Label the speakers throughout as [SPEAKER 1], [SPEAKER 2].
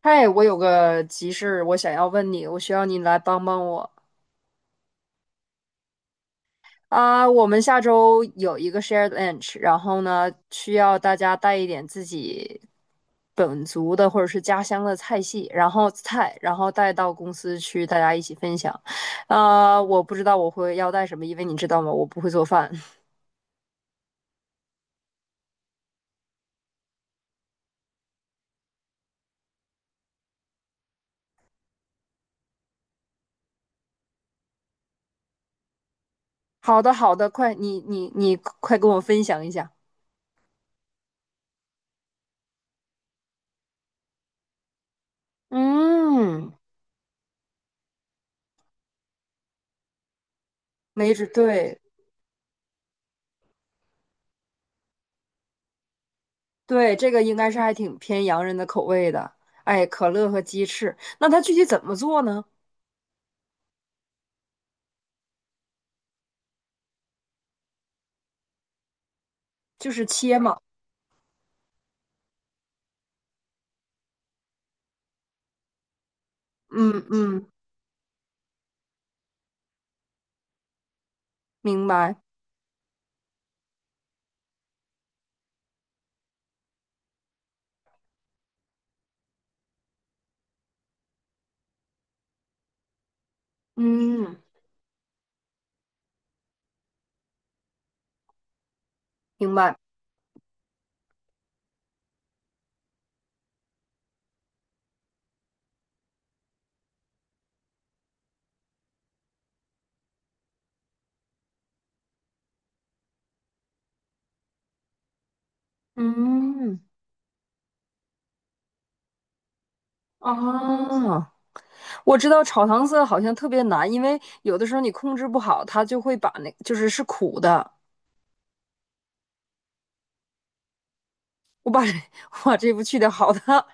[SPEAKER 1] 嗨，我有个急事，我想要问你，我需要你来帮帮我啊。我们下周有一个 shared lunch，然后呢，需要大家带一点自己本族的或者是家乡的菜系，然后菜，然后带到公司去，大家一起分享。啊，我不知道我会要带什么，因为你知道吗，我不会做饭。好的，好的，快，你快跟我分享一下。嗯，没准对。对，这个应该是还挺偏洋人的口味的。哎，可乐和鸡翅，那它具体怎么做呢？就是切嘛。嗯嗯，明白。嗯，明白。嗯啊，我知道炒糖色好像特别难，因为有的时候你控制不好，它就会把那就是是苦的。我把这 我把这步去掉，好的。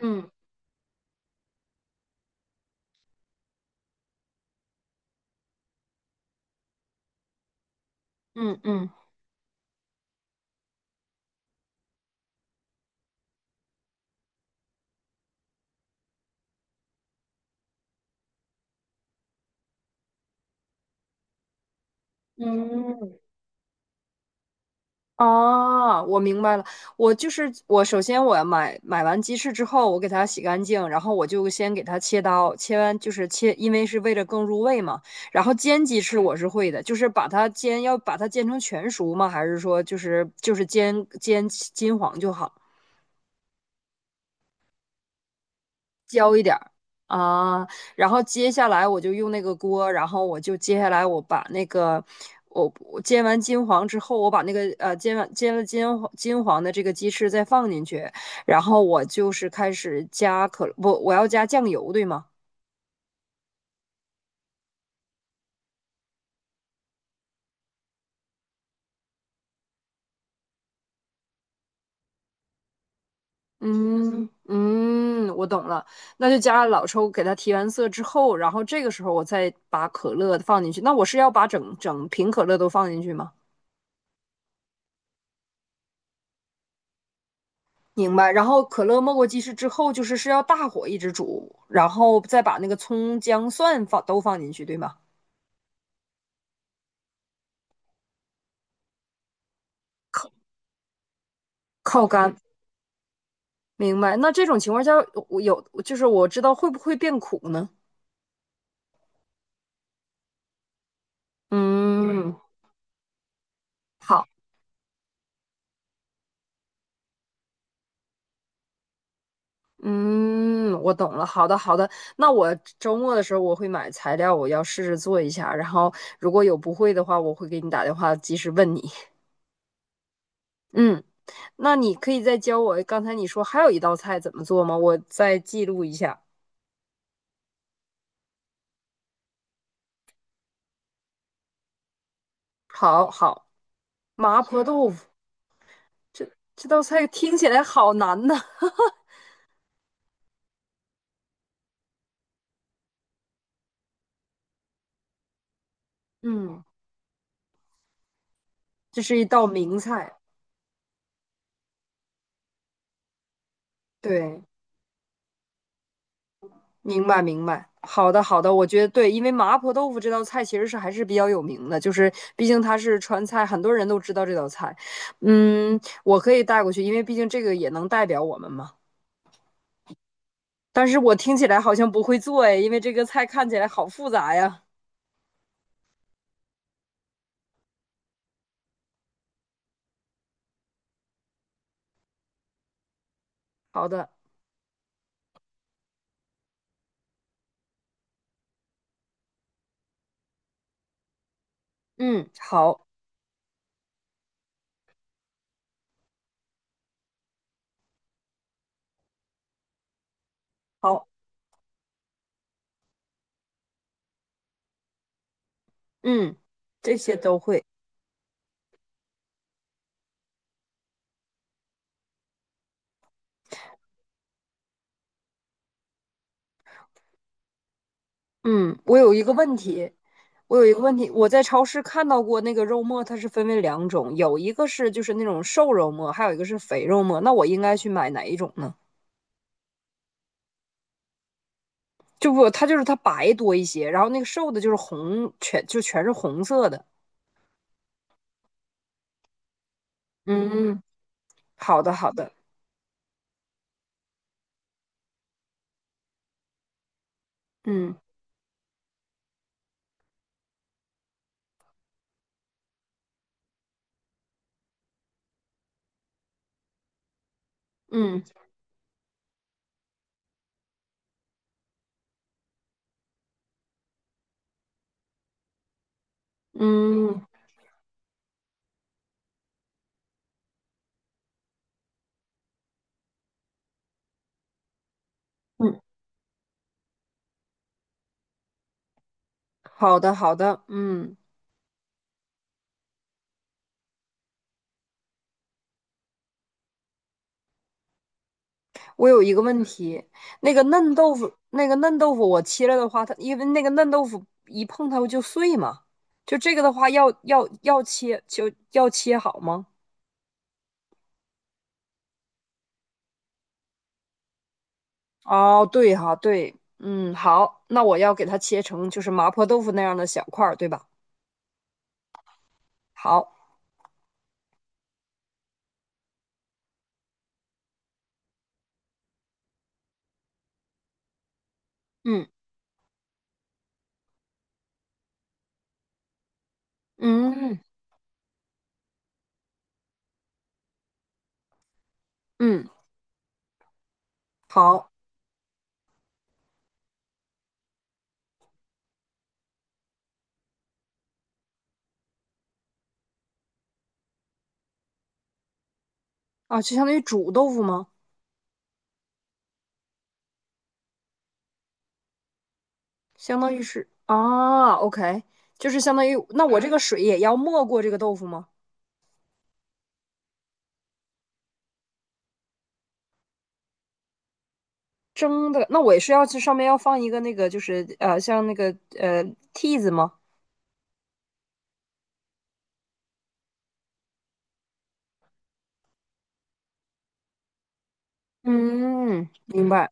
[SPEAKER 1] 嗯嗯嗯嗯，哦，我明白了。我就是我，首先我买完鸡翅之后，我给它洗干净，然后我就先给它切刀，切完就是切，因为是为了更入味嘛。然后煎鸡翅我是会的，就是把它煎，要把它煎成全熟吗？还是说就是煎煎金黄就好？啊，然后接下来我就用那个锅，然后我就接下来我把那个我煎完金黄之后，我把那个煎完煎了金黄金黄的这个鸡翅再放进去，然后我就是开始加可不我要加酱油对吗？嗯嗯，我懂了，那就加老抽给它提完色之后，然后这个时候我再把可乐放进去。那我是要把整整瓶可乐都放进去吗？明白。然后可乐没过鸡翅之后，就是是要大火一直煮，然后再把那个葱姜蒜放都放进去，对吗？靠靠干。明白。那这种情况下，我有就是我知道会不会变苦呢？嗯，好，嗯，我懂了。好的，好的。那我周末的时候我会买材料，我要试着做一下。然后如果有不会的话，我会给你打电话及时问你。嗯，那你可以再教我。刚才你说还有一道菜怎么做吗？我再记录一下。好好。麻婆豆腐，这这道菜听起来好难呐。嗯，这是一道名菜。对，明白明白。好的好的，我觉得对，因为麻婆豆腐这道菜其实是还是比较有名的，就是毕竟它是川菜，很多人都知道这道菜。嗯，我可以带过去，因为毕竟这个也能代表我们嘛。但是我听起来好像不会做哎，因为这个菜看起来好复杂呀。好的，嗯，好，好，嗯，这些都会。嗯，我有一个问题。我有一个问题，我在超市看到过那个肉末，它是分为两种，有一个是就是那种瘦肉末，还有一个是肥肉末。那我应该去买哪一种呢？就不，它就是它白多一些，然后那个瘦的就是红，全就全是红色的。嗯，好的，好的，嗯嗯嗯嗯，好的，好的，嗯。我有一个问题，那个嫩豆腐，那个嫩豆腐我切了的话，它因为那个嫩豆腐一碰它不就碎嘛，就这个的话要切就要切好吗？哦，对哈，对，嗯，好，那我要给它切成就是麻婆豆腐那样的小块儿，对吧？好，嗯嗯嗯，好啊，就相当于煮豆腐吗？相当于是啊，OK，就是相当于那我这个水也要没过这个豆腐吗？蒸的，那我也是要去上面要放一个那个，就是，像那个呃屉子吗？嗯，明白。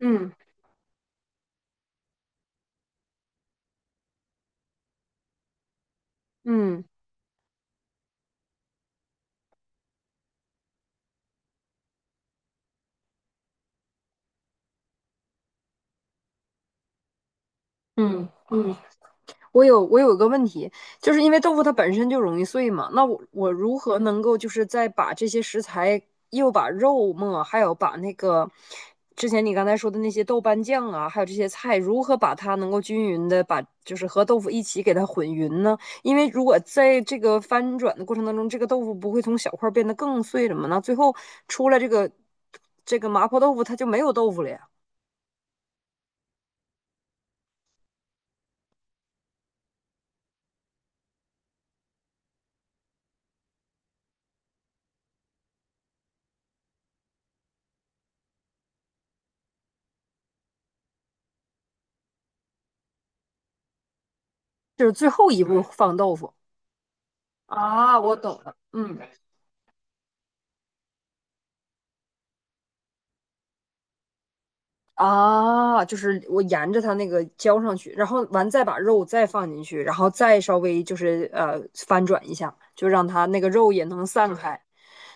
[SPEAKER 1] 嗯嗯。嗯嗯。我有一个问题，就是因为豆腐它本身就容易碎嘛，那我如何能够就是再把这些食材，又把肉末，还有把那个之前你刚才说的那些豆瓣酱啊，还有这些菜，如何把它能够均匀的把就是和豆腐一起给它混匀呢？因为如果在这个翻转的过程当中，这个豆腐不会从小块儿变得更碎了吗？那最后出来这个麻婆豆腐它就没有豆腐了呀，就是最后一步放豆腐。啊，我懂了，嗯，啊，就是我沿着它那个浇上去，然后完再把肉再放进去，然后再稍微就是翻转一下，就让它那个肉也能散开。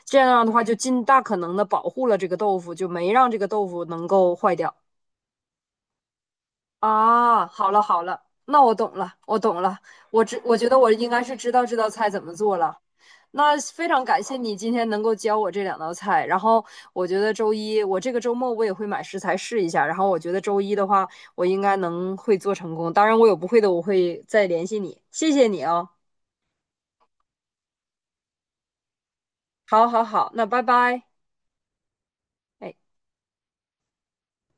[SPEAKER 1] 这样的话，就尽大可能的保护了这个豆腐，就没让这个豆腐能够坏掉。啊，好了好了，那我懂了，我知，我觉得我应该是知道这道菜怎么做了。那非常感谢你今天能够教我这两道菜，然后我觉得周一，我这个周末我也会买食材试一下，然后我觉得周一的话，我应该能会做成功。当然，我有不会的，我会再联系你。谢谢你哦。好，好，好，那拜拜。哎。